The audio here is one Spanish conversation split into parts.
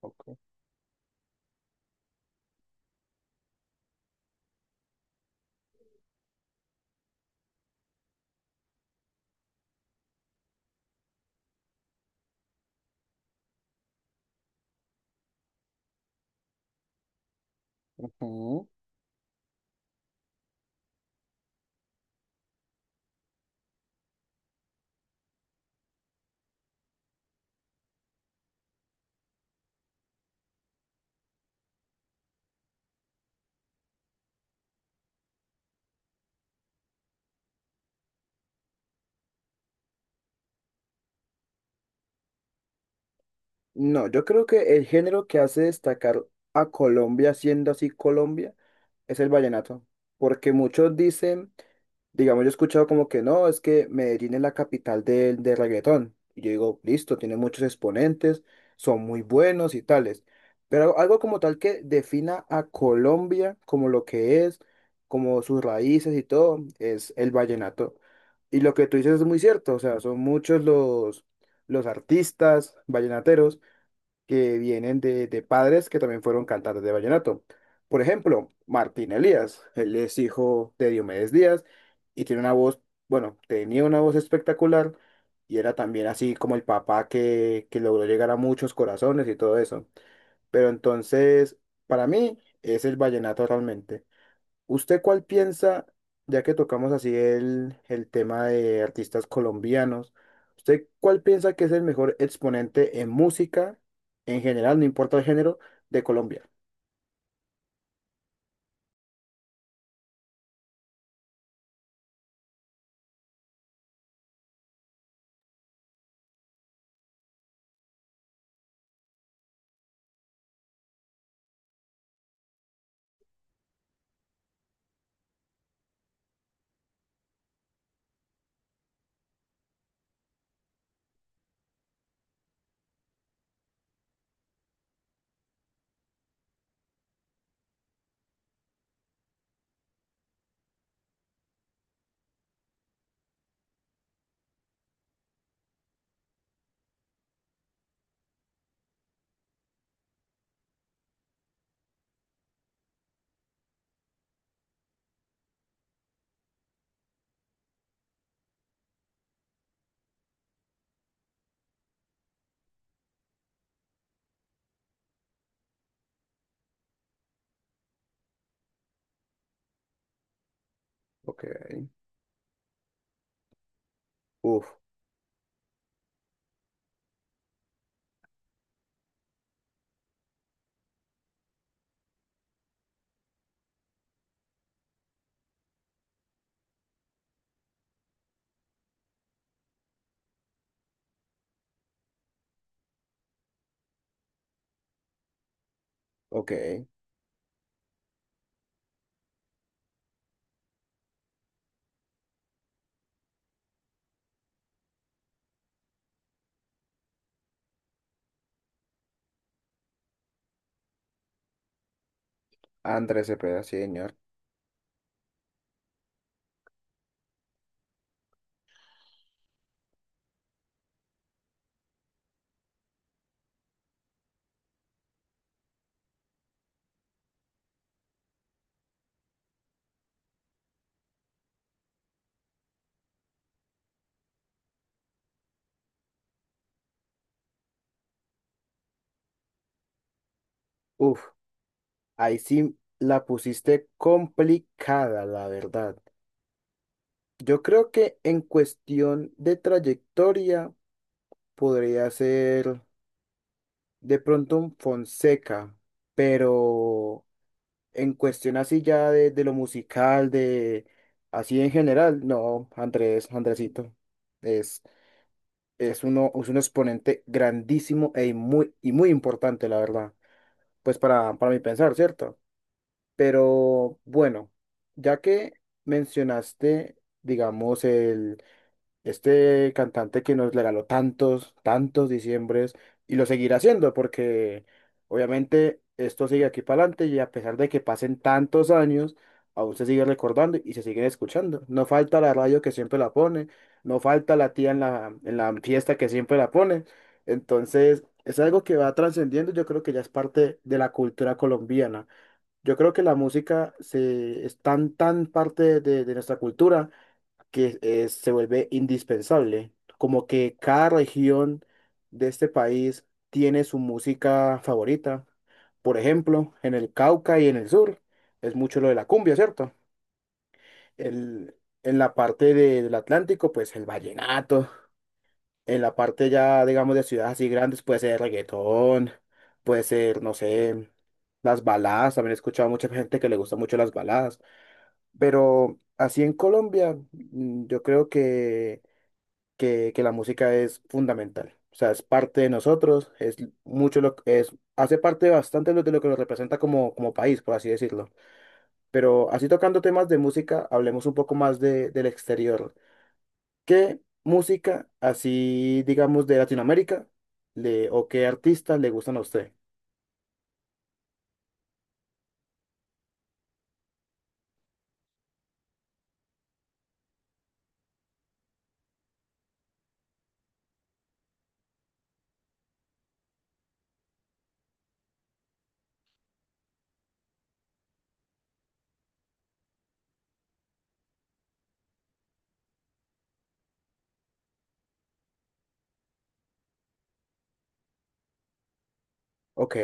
Ok, ujú. No, yo creo que el género que hace destacar a Colombia, siendo así Colombia, es el vallenato, porque muchos dicen. Digamos, yo he escuchado como que no, es que Medellín es la capital del reggaetón. Y yo digo, listo, tiene muchos exponentes, son muy buenos y tales. Pero algo, algo como tal que defina a Colombia como lo que es, como sus raíces y todo, es el vallenato. Y lo que tú dices es muy cierto, o sea, son muchos los artistas vallenateros que vienen de padres que también fueron cantantes de vallenato. Por ejemplo, Martín Elías, él es hijo de Diomedes Díaz y tiene una voz, bueno, tenía una voz espectacular y era también así como el papá que logró llegar a muchos corazones y todo eso. Pero entonces, para mí, es el vallenato realmente. ¿Usted cuál piensa, ya que tocamos así el tema de artistas colombianos, ¿usted cuál piensa que es el mejor exponente en música, en general, no importa el género, de Colombia? Ok. Uf, ok. Andrés Cepeda, sí, señor. Uf, ahí sí la pusiste complicada, la verdad. Yo creo que en cuestión de trayectoria podría ser de pronto un Fonseca, pero en cuestión así ya de lo musical, de así en general, no, Andrés, Andresito, es, es uno, es un exponente grandísimo e muy, y muy importante, la verdad, pues para mi pensar, ¿cierto? Pero bueno, ya que mencionaste, digamos, el este cantante que nos regaló tantos, tantos diciembres y lo seguirá haciendo porque obviamente esto sigue aquí para adelante y a pesar de que pasen tantos años, aún se sigue recordando y se siguen escuchando. No falta la radio que siempre la pone, no falta la tía en la fiesta que siempre la pone. Entonces es algo que va trascendiendo, yo creo que ya es parte de la cultura colombiana. Yo creo que la música se, es tan, tan parte de nuestra cultura que se vuelve indispensable. Como que cada región de este país tiene su música favorita. Por ejemplo, en el Cauca y en el sur es mucho lo de la cumbia, ¿cierto? El, en la parte de- del Atlántico, pues el vallenato. En la parte ya, digamos, de ciudades así grandes puede ser reggaetón, puede ser, no sé, las baladas. También he escuchado a mucha gente que le gusta mucho las baladas. Pero así en Colombia, mm, yo creo que que la música es fundamental. O sea, es parte de nosotros, es mucho lo que es, hace parte bastante de lo que nos representa como, como país, por así decirlo. Pero así tocando temas de música, hablemos un poco más de, del exterior. ¿Qué música, así digamos, de Latinoamérica, le, o qué artistas le gustan a usted? Ok,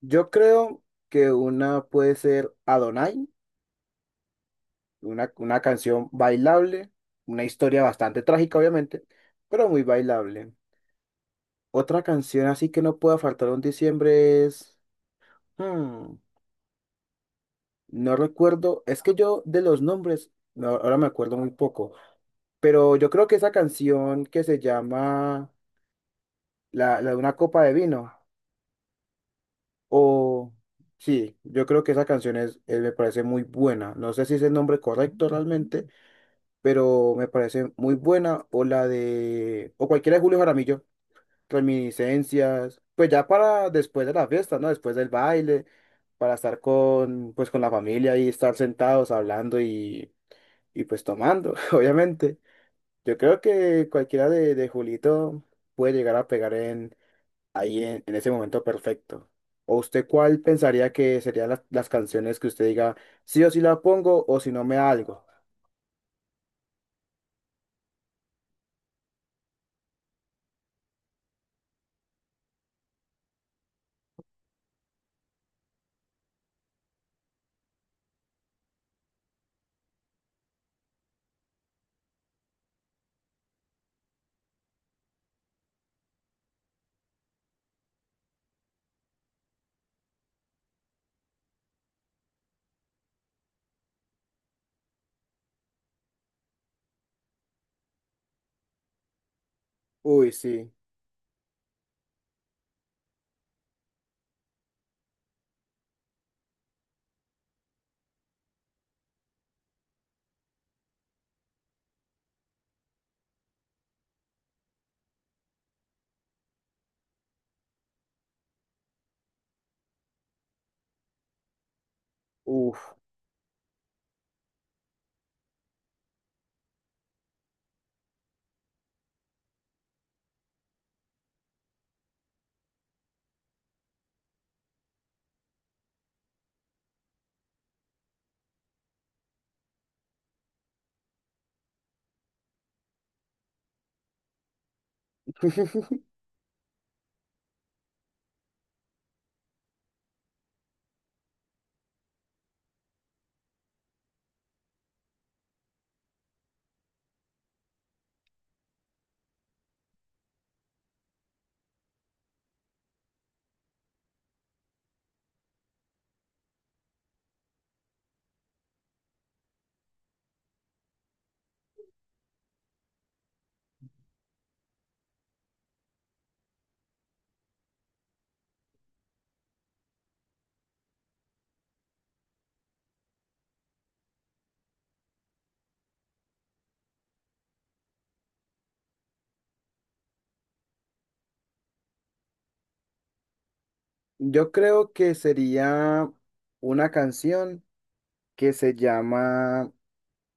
yo creo que una puede ser Adonai, una canción bailable, una historia bastante trágica, obviamente, pero muy bailable. Otra canción así que no pueda faltar en diciembre es… hmm, no recuerdo, es que yo de los nombres, no, ahora me acuerdo muy poco, pero yo creo que esa canción que se llama La, la de una copa de vino, o sí, yo creo que esa canción es, me parece muy buena, no sé si es el nombre correcto realmente, pero me parece muy buena, o la de, o cualquiera de Julio Jaramillo. Reminiscencias, pues ya para después de la fiesta, ¿no? Después del baile, para estar con, pues con la familia y estar sentados hablando y pues tomando, obviamente. Yo creo que cualquiera de Julito puede llegar a pegar en, ahí en ese momento perfecto. ¿O usted cuál pensaría que serían las canciones que usted diga, sí o sí la pongo o si no me da algo? Uy, sí. Uf. Yo creo que sería una canción que se llama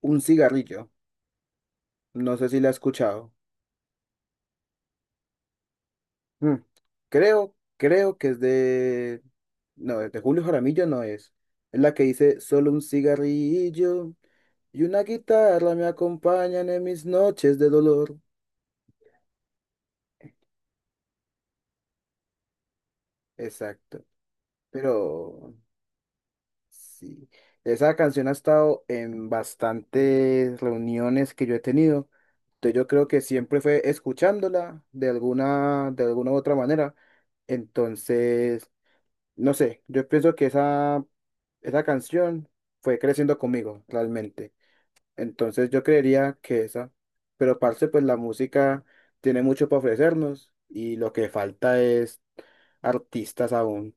Un cigarrillo. No sé si la has escuchado. Mm, creo, creo que es de… No, de Julio Jaramillo no es. Es la que dice solo un cigarrillo y una guitarra me acompañan en mis noches de dolor. Exacto. Pero sí, esa canción ha estado en bastantes reuniones que yo he tenido. Entonces yo creo que siempre fue escuchándola de alguna u otra manera. Entonces, no sé, yo pienso que esa canción fue creciendo conmigo realmente. Entonces yo creería que esa. Pero parce, pues la música tiene mucho para ofrecernos y lo que falta es artistas aún.